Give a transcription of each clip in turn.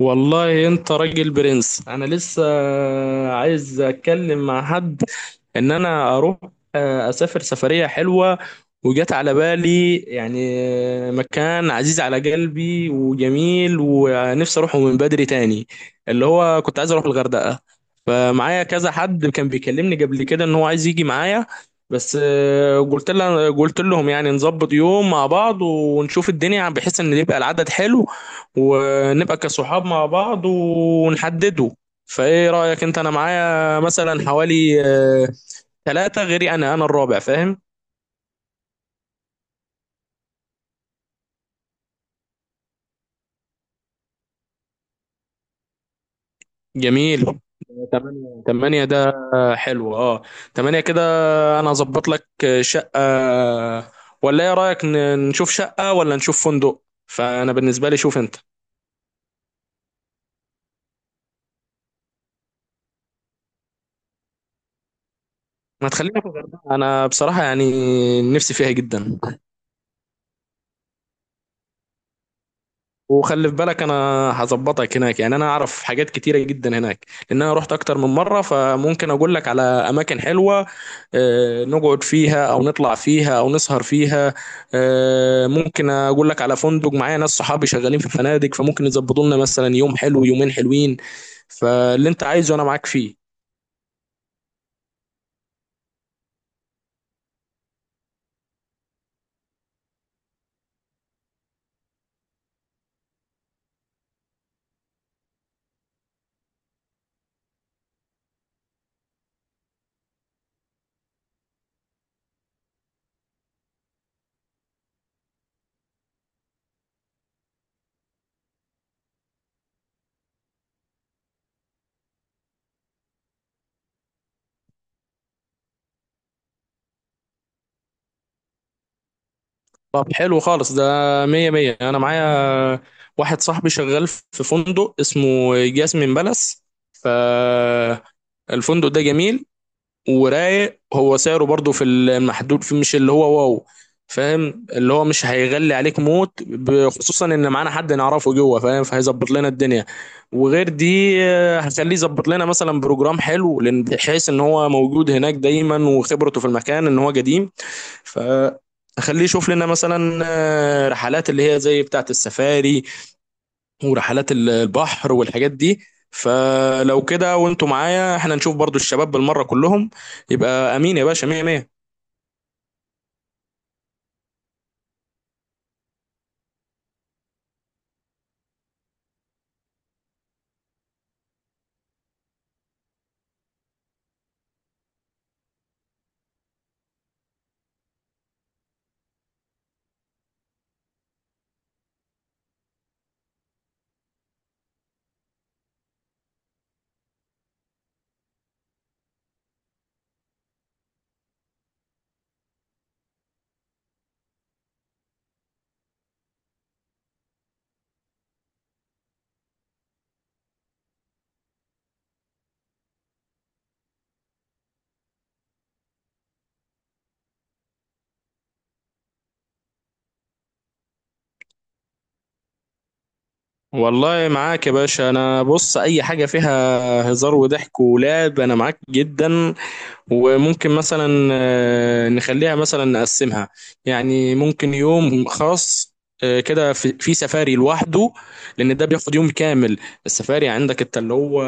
والله انت راجل برنس انا لسه عايز اتكلم مع حد ان انا اروح، اسافر سفرية حلوة. وجت على بالي يعني مكان عزيز على قلبي وجميل ونفسي اروحه من بدري تاني، اللي هو كنت عايز اروح الغردقة. فمعايا كذا حد كان بيكلمني قبل كده ان هو عايز يجي معايا، بس قلت لهم يعني نظبط يوم مع بعض ونشوف الدنيا، بحيث ان يبقى العدد حلو ونبقى كصحاب مع بعض ونحدده. فايه رأيك انت؟ انا معايا مثلا حوالي ثلاثة غيري، انا الرابع، فاهم؟ جميل. تمانية تمانية ده، حلو اه. تمانية كده. انا هظبط لك شقة، ولا ايه رأيك نشوف شقة ولا نشوف فندق؟ فانا بالنسبة لي شوف انت. ما تخلينا في الغردقة، انا بصراحة يعني نفسي فيها جدا. وخلي في بالك انا هظبطك هناك، يعني انا اعرف حاجات كتيره جدا هناك لان انا رحت اكتر من مره، فممكن اقول لك على اماكن حلوه نقعد فيها او نطلع فيها او نسهر فيها. ممكن اقول لك على فندق، معايا ناس صحابي شغالين في فنادق فممكن يظبطوا لنا مثلا يوم حلو، يومين حلوين. فاللي انت عايزه انا معاك فيه. طب حلو خالص ده، مية مية. انا معايا واحد صاحبي شغال في فندق اسمه جاسمين بالاس. ف الفندق ده جميل ورايق، هو سعره برضو في المحدود، في مش اللي هو واو، فاهم؟ اللي هو مش هيغلي عليك موت، خصوصا ان معانا حد نعرفه جوه، فاهم؟ فهيظبط لنا الدنيا. وغير دي هنخليه يظبط لنا مثلا بروجرام حلو، بحيث ان هو موجود هناك دايما وخبرته في المكان ان هو قديم. فخليه يشوف لنا مثلا رحلات اللي هي زي بتاعة السفاري، ورحلات البحر والحاجات دي. فلو كده وانتوا معايا احنا نشوف برضو الشباب بالمرة كلهم، يبقى امين يا باشا، مية مية. والله معاك يا باشا. انا بص، اي حاجة فيها هزار وضحك ولعب انا معاك جدا. وممكن مثلا نخليها مثلا نقسمها، يعني ممكن يوم خاص كده في سفاري لوحده، لان ده بياخد يوم كامل. السفاري عندك انت اللي هو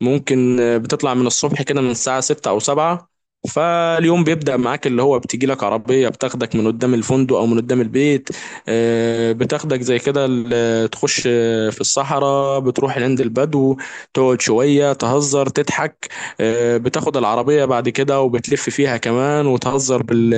ممكن بتطلع من الصبح كده من الساعة 6 أو 7، فاليوم بيبدأ معاك، اللي هو بتجي لك عربية بتاخدك من قدام الفندق أو من قدام البيت. بتاخدك زي كده، تخش في الصحراء، بتروح عند البدو، تقعد شوية، تهزر، تضحك. بتاخد العربية بعد كده وبتلف فيها كمان، وتهزر بال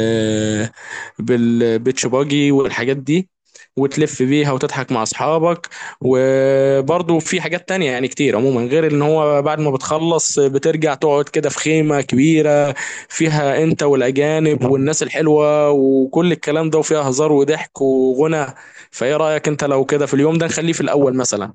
بالبيتش باجي والحاجات دي، وتلف بيها وتضحك مع أصحابك. وبرضه في حاجات تانية يعني كتير عموما، غير ان هو بعد ما بتخلص بترجع تقعد كده في خيمة كبيرة، فيها انت والاجانب والناس الحلوة وكل الكلام ده، وفيها هزار وضحك وغنى. فايه رأيك انت لو كده في اليوم ده نخليه في الاول مثلا؟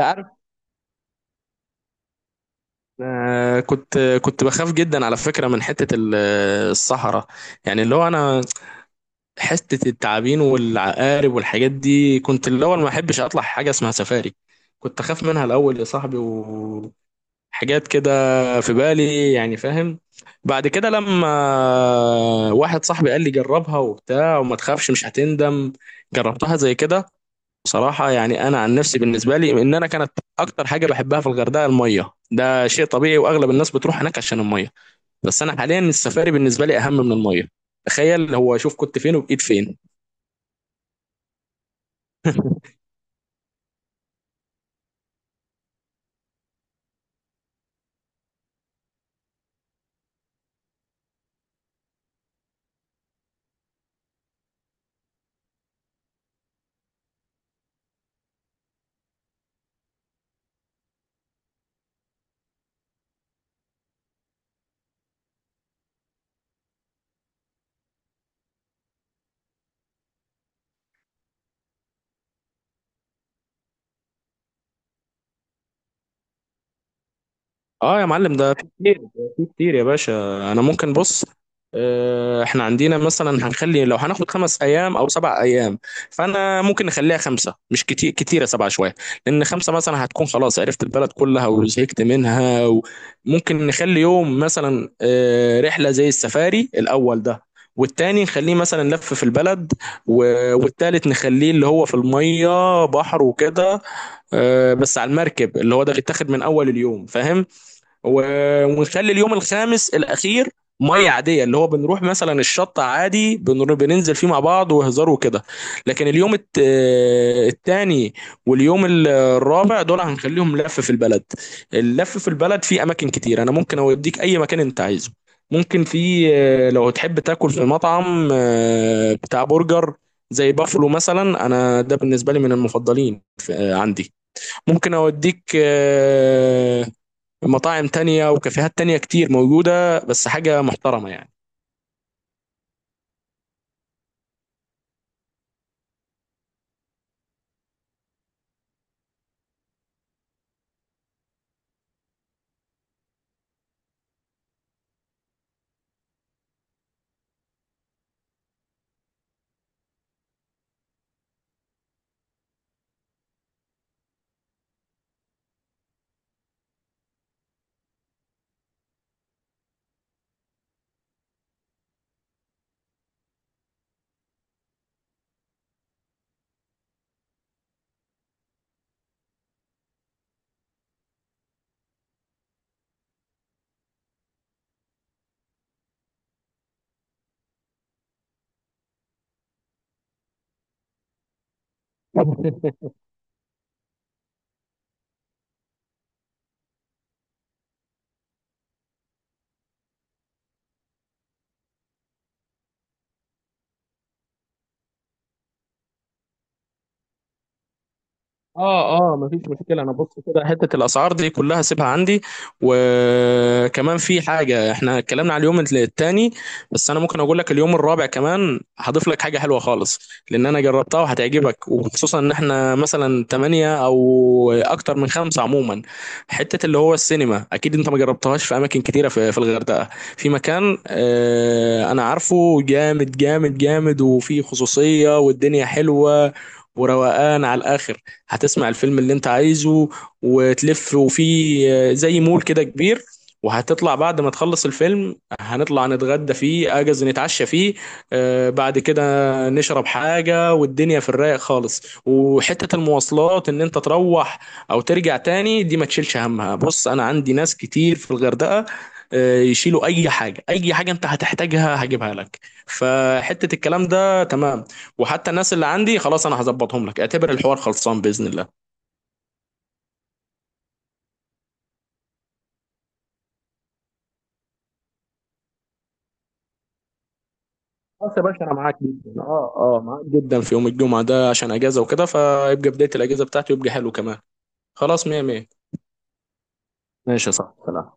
عارف، آه كنت بخاف جدا على فكرة من حتة الصحراء، يعني اللي هو انا حتة التعابين والعقارب والحاجات دي، كنت الاول ما احبش اطلع حاجة اسمها سفاري، كنت اخاف منها الاول يا صاحبي. حاجات كده في بالي، يعني فاهم؟ بعد كده لما واحد صاحبي قال لي جربها وبتاع وما تخافش مش هتندم، جربتها زي كده. بصراحة يعني أنا عن نفسي بالنسبة لي إن أنا كانت أكتر حاجة بحبها في الغردقة المية، ده شيء طبيعي وأغلب الناس بتروح هناك عشان المية، بس أنا حاليا السفاري بالنسبة لي أهم من المية. تخيل هو، شوف كنت فين وبقيت فين. اه يا معلم، ده في كتير، في كتير يا باشا. انا ممكن بص، احنا عندنا مثلا هنخلي لو هناخد 5 ايام او 7 ايام، فانا ممكن نخليها خمسه، مش كتير كتيره سبعه شويه، لان خمسه مثلا هتكون خلاص عرفت البلد كلها وزهقت منها. وممكن نخلي يوم مثلا رحله زي السفاري الاول ده، والتاني نخليه مثلا لف في البلد، والتالت نخليه اللي هو في الميه بحر وكده، بس على المركب، اللي هو ده بيتاخد من اول اليوم، فاهم؟ ونخلي اليوم الخامس الاخير ميه عاديه، اللي هو بنروح مثلا الشط عادي، بننزل فيه مع بعض وهزار وكده. لكن اليوم التاني واليوم الرابع دول هنخليهم لف في البلد. اللف في البلد فيه اماكن كتير، انا ممكن اوديك اي مكان انت عايزه. ممكن في لو تحب تاكل في مطعم بتاع برجر زي بافلو مثلا، انا ده بالنسبه لي من المفضلين عندي. ممكن اوديك مطاعم تانية وكافيهات تانية كتير موجودة، بس حاجة محترمة يعني. اه اه مفيش مشكله. انا بص كده حته الاسعار دي كلها سيبها عندي. وكمان في حاجه، احنا اتكلمنا على اليوم التاني بس انا ممكن اقول لك اليوم الرابع كمان، هضيف لك حاجه حلوه خالص لان انا جربتها وهتعجبك، وخصوصا ان احنا مثلا تمانية او اكتر من خمسة عموما. حته اللي هو السينما، اكيد انت ما جربتهاش في اماكن كتيره في الغردقه. في مكان آه انا عارفه جامد جامد جامد، وفيه خصوصيه والدنيا حلوه وروقان على الاخر. هتسمع الفيلم اللي انت عايزه وتلف، وفي زي مول كده كبير، وهتطلع بعد ما تخلص الفيلم هنطلع نتغدى فيه اجز نتعشى فيه بعد كده نشرب حاجة والدنيا في الرايق خالص. وحتة المواصلات ان انت تروح او ترجع تاني دي ما تشيلش همها، بص انا عندي ناس كتير في الغردقة يشيلوا اي حاجة، اي حاجة انت هتحتاجها هجيبها لك، فحتة الكلام ده تمام. وحتى الناس اللي عندي خلاص انا هظبطهم لك، اعتبر الحوار خلصان باذن الله. خلاص يا باشا انا معاك جدا، اه اه معاك جدا في يوم الجمعه ده عشان اجازه وكده، فيبقى بدايه الاجازه بتاعتي ويبقى حلو كمان. خلاص مية مية. ماشي يا صاحبي سلام.